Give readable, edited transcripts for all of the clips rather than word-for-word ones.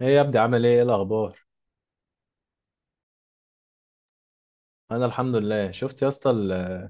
ايه يا ابني، عامل ايه الاخبار؟ انا الحمد لله. شفت يا اسطى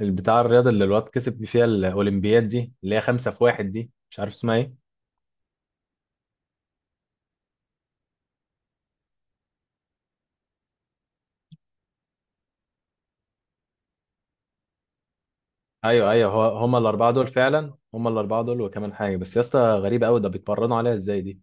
البتاع الرياضه اللي الواد كسب فيها الاولمبياد دي، اللي هي خمسة في واحد دي، مش عارف اسمها ايه. ايوه، ايوه. هو هما الاربعه دول فعلا، هما الاربعه دول وكمان حاجه. بس يا اسطى غريبه قوي، ده بيتمرنوا عليها ازاي دي؟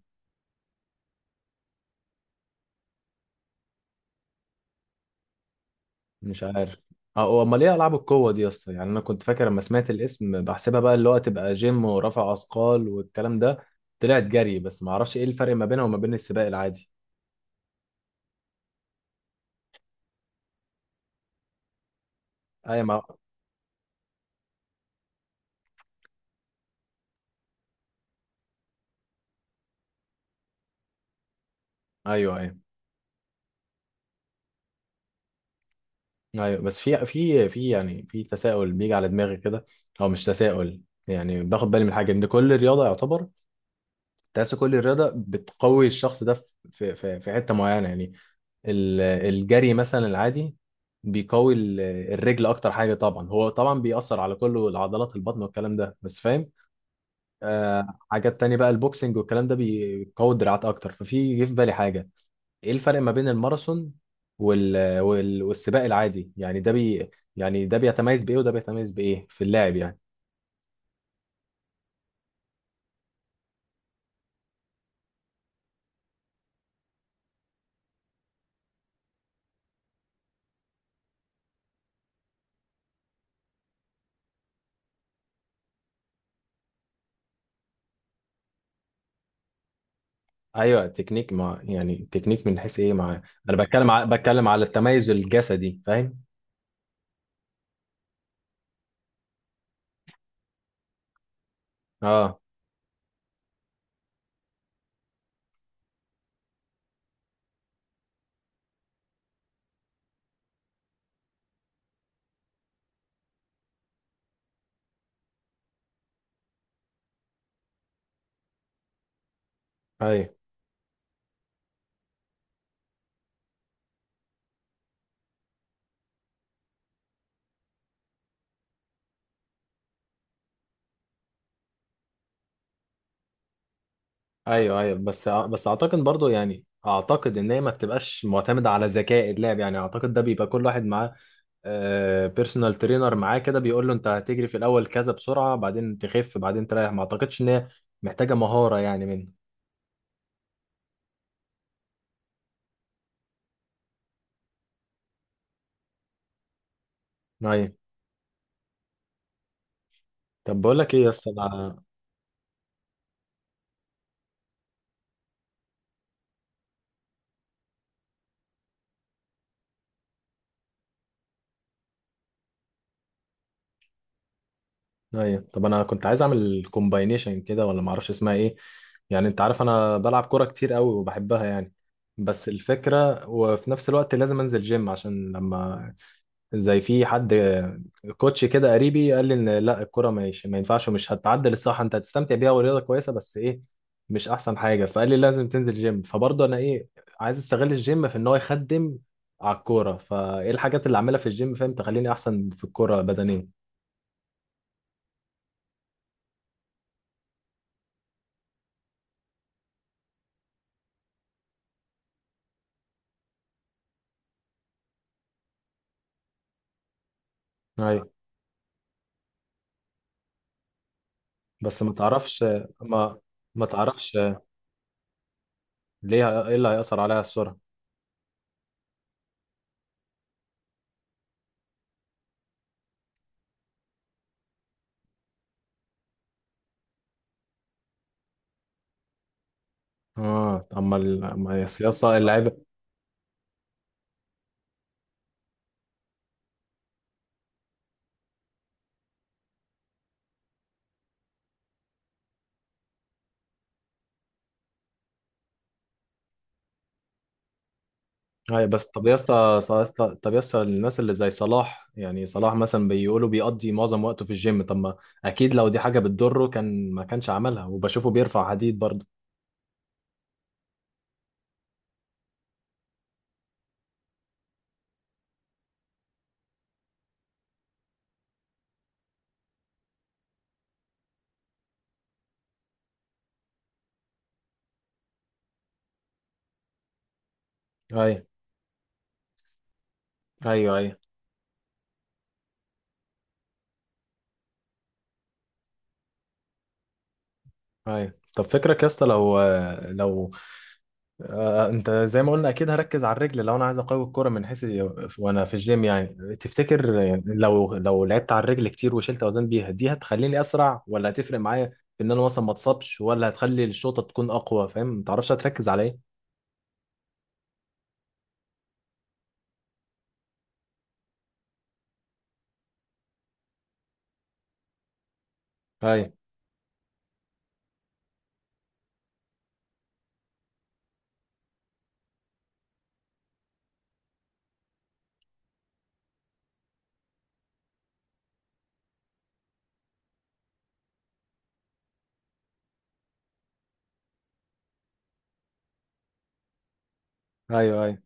مش عارف. اه، امال ايه العاب القوه دي يا اسطى؟ يعني انا كنت فاكر لما سمعت الاسم بحسبها بقى اللي هو تبقى جيم ورفع اثقال والكلام ده. طلعت جري، بس ما اعرفش ايه الفرق ما بينها وما بين السباق العادي. ايوه، ما... ايوه، ايوه، ايوه. بس في في في يعني في تساؤل بيجي على دماغي كده، او مش تساؤل. يعني باخد بالي من حاجه ان كل رياضه يعتبر، تحس كل رياضه بتقوي الشخص ده في حته معينه يعني. الجري مثلا العادي بيقوي الرجل اكتر حاجه طبعا، هو طبعا بيأثر على كله، العضلات، البطن والكلام ده بس، فاهم. حاجات تانية بقى، البوكسنج والكلام ده بيقوي الدراعات اكتر. ففي جه في بالي حاجه، ايه الفرق ما بين الماراثون والسباق العادي يعني؟ يعني ده بيتميز بايه وده بيتميز بايه في اللعب يعني؟ ايوه، تكنيك مع، يعني تكنيك من حيث ايه، مع انا بتكلم بتكلم على التميز الجسدي، فاهم؟ اه. ايوه، ايوه، ايوه. بس اعتقد برضو، يعني اعتقد ان هي ما بتبقاش معتمده على ذكاء اللاعب. يعني اعتقد ده بيبقى كل واحد معاه بيرسونال ترينر معاه كده بيقول له انت هتجري في الاول كذا بسرعه، بعدين تخف، بعدين تريح. ما اعتقدش ان هي محتاجه مهاره يعني منه. ايوه. طب بقول لك ايه يا اسطى انا. ايوه، طب انا كنت عايز اعمل كومباينيشن كده، ولا ما اعرفش اسمها ايه. يعني انت عارف انا بلعب كوره كتير قوي وبحبها يعني، بس الفكره وفي نفس الوقت لازم انزل جيم عشان لما، زي في حد كوتش كده قريبي قال لي ان لا، الكوره مش، ما ينفعش، ومش هتعدل الصح، انت هتستمتع بيها ورياضه كويسه بس ايه، مش احسن حاجه. فقال لي لازم تنزل جيم. فبرضه انا ايه، عايز استغل الجيم في ان هو يخدم على الكوره. فايه الحاجات اللي اعملها في الجيم، فاهم، تخليني احسن في الكوره بدنيا؟ ايوه، بس ما تعرفش. ما ما تعرفش ليه؟ ايه اللي هيأثر عليها السرعة؟ اه، أما يا اسطى اللعيبه. ايوه. بس طب يا اسطى طب يا اسطى الناس اللي زي صلاح، يعني صلاح مثلا بيقولوا بيقضي معظم وقته في الجيم. طب ما اكيد لو دي حاجه بتضره كان ما كانش عملها. وبشوفه بيرفع حديد برضه. ايوه، ايوه. ايوه، ايوه. طب فكرك يا اسطى، لو لو انت زي ما قلنا اكيد هركز على الرجل، لو انا عايز اقوي الكرة من حيث، وانا في الجيم يعني، تفتكر، يعني لو لعبت على الرجل كتير وشلت اوزان بيها، دي هتخليني اسرع ولا هتفرق معايا في ان انا مثلا ما اتصابش، ولا هتخلي الشوطة تكون اقوى؟ فاهم، ما تعرفش، هتركز على ايه؟ ايوه، ايوه. ايوه،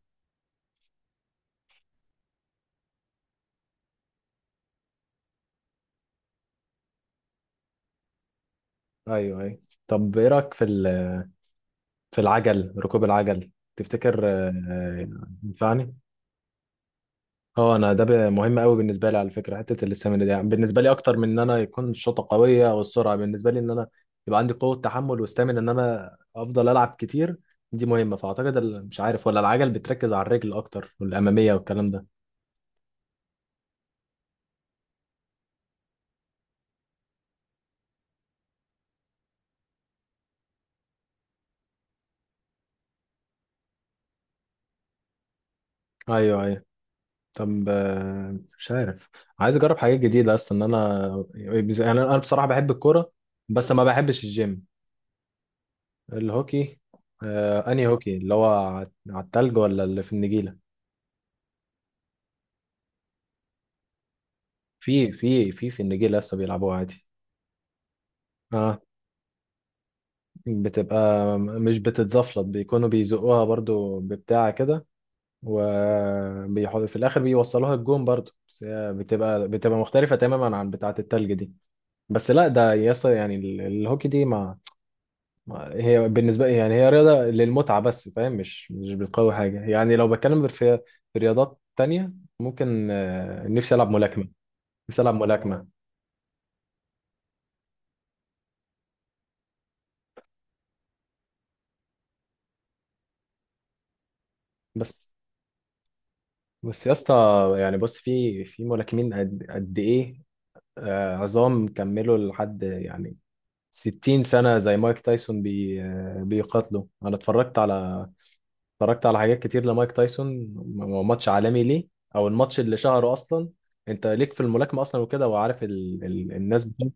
ايوه، ايوه. طب ايه رايك في في العجل، ركوب العجل، تفتكر ينفعني؟ اه، انا ده مهم قوي بالنسبه لي على فكره، حته الاستامينا دي، يعني بالنسبه لي اكتر من ان انا يكون الشوطه قويه او السرعه، بالنسبه لي ان انا يبقى عندي قوه تحمل واستامينا ان انا افضل العب كتير، دي مهمه. فاعتقد مش عارف، ولا العجل بتركز على الرجل اكتر والاماميه والكلام ده. ايوه، ايوه. طب مش عارف، عايز اجرب حاجات جديده اصلا. ان انا يعني انا بصراحه بحب الكوره، بس ما بحبش الجيم. الهوكي؟ انهي هوكي، اللي هو على على التلج ولا اللي في النجيله؟ في النجيله لسه بيلعبوها عادي. اه، بتبقى، مش بتتزفلط، بيكونوا بيزقوها برضو ببتاع كده، وبيحط في الاخر بيوصلوها الجون برضو، بس هي بتبقى، بتبقى مختلفة تماما عن بتاعة التلج دي. بس لا ده يسطا، يعني الهوكي دي هي بالنسبة لي، يعني هي رياضة للمتعة بس، فاهم؟ مش بتقوي حاجة. يعني لو بتكلم في في رياضات تانية، ممكن نفسي ألعب ملاكمة. نفسي ألعب ملاكمة. بس يا اسطى، يعني بص، في ملاكمين قد قد ايه، عظام، كملوا لحد يعني 60 سنة زي مايك تايسون، بي آه، بيقاتلوا. أنا اتفرجت على، اتفرجت على حاجات كتير لمايك تايسون، ماتش عالمي ليه، أو الماتش اللي شهره أصلا. أنت ليك في الملاكمة أصلا وكده، وعارف ال... ال... الناس بتاعته.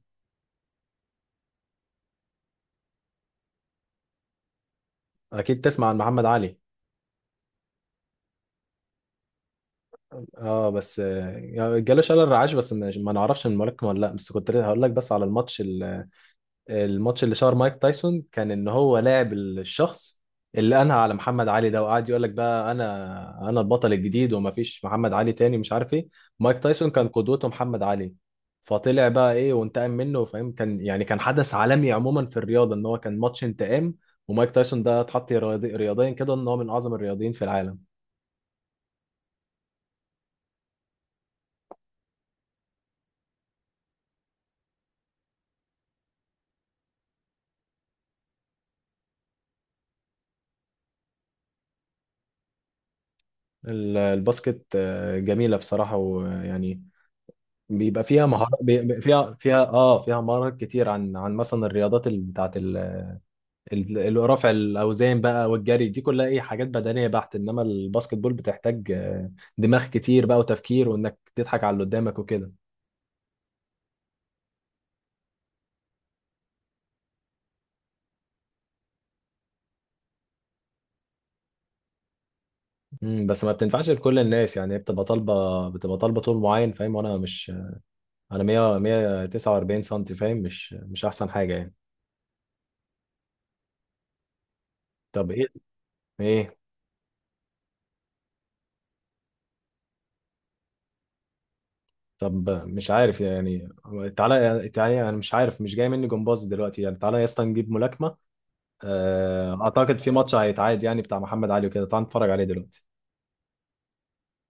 أكيد تسمع عن محمد علي. أه، بس جاله شلل رعاش، بس ما نعرفش من الملاكمة ولا لأ. بس كنت هقول لك، بس على الماتش، الماتش اللي شهر مايك تايسون كان ان هو لاعب الشخص اللي انهى على محمد علي ده، وقعد يقول لك بقى انا البطل الجديد ومفيش محمد علي تاني، مش عارف ايه. مايك تايسون كان قدوته محمد علي، فطلع بقى ايه وانتقم منه، فاهم؟ كان يعني كان حدث عالمي عموما في الرياضه، ان هو كان ماتش انتقام. ومايك تايسون ده اتحط رياضيا كده ان هو من اعظم الرياضيين في العالم. الباسكت جميله بصراحه، ويعني بيبقى فيها مهارات، بيبقى فيها مهارات كتير عن مثلا الرياضات اللي بتاعت رفع الاوزان بقى والجري، دي كلها ايه، حاجات بدنيه بحت. انما الباسكت بول بتحتاج دماغ كتير بقى وتفكير، وانك تضحك على اللي قدامك وكده. بس ما بتنفعش لكل الناس، يعني هي بتبقى طالبه، طول معين، فاهم؟ وانا مش، انا 100 149 سم، فاهم، مش مش احسن حاجه يعني. طب ايه. طب مش عارف يعني. تعالى تعالى، انا مش عارف، مش جاي مني جمباز دلوقتي يعني، تعالى يا اسطى نجيب ملاكمه. اعتقد في ماتش هيتعاد يعني بتاع محمد علي وكده، تعالى نتفرج عليه دلوقتي.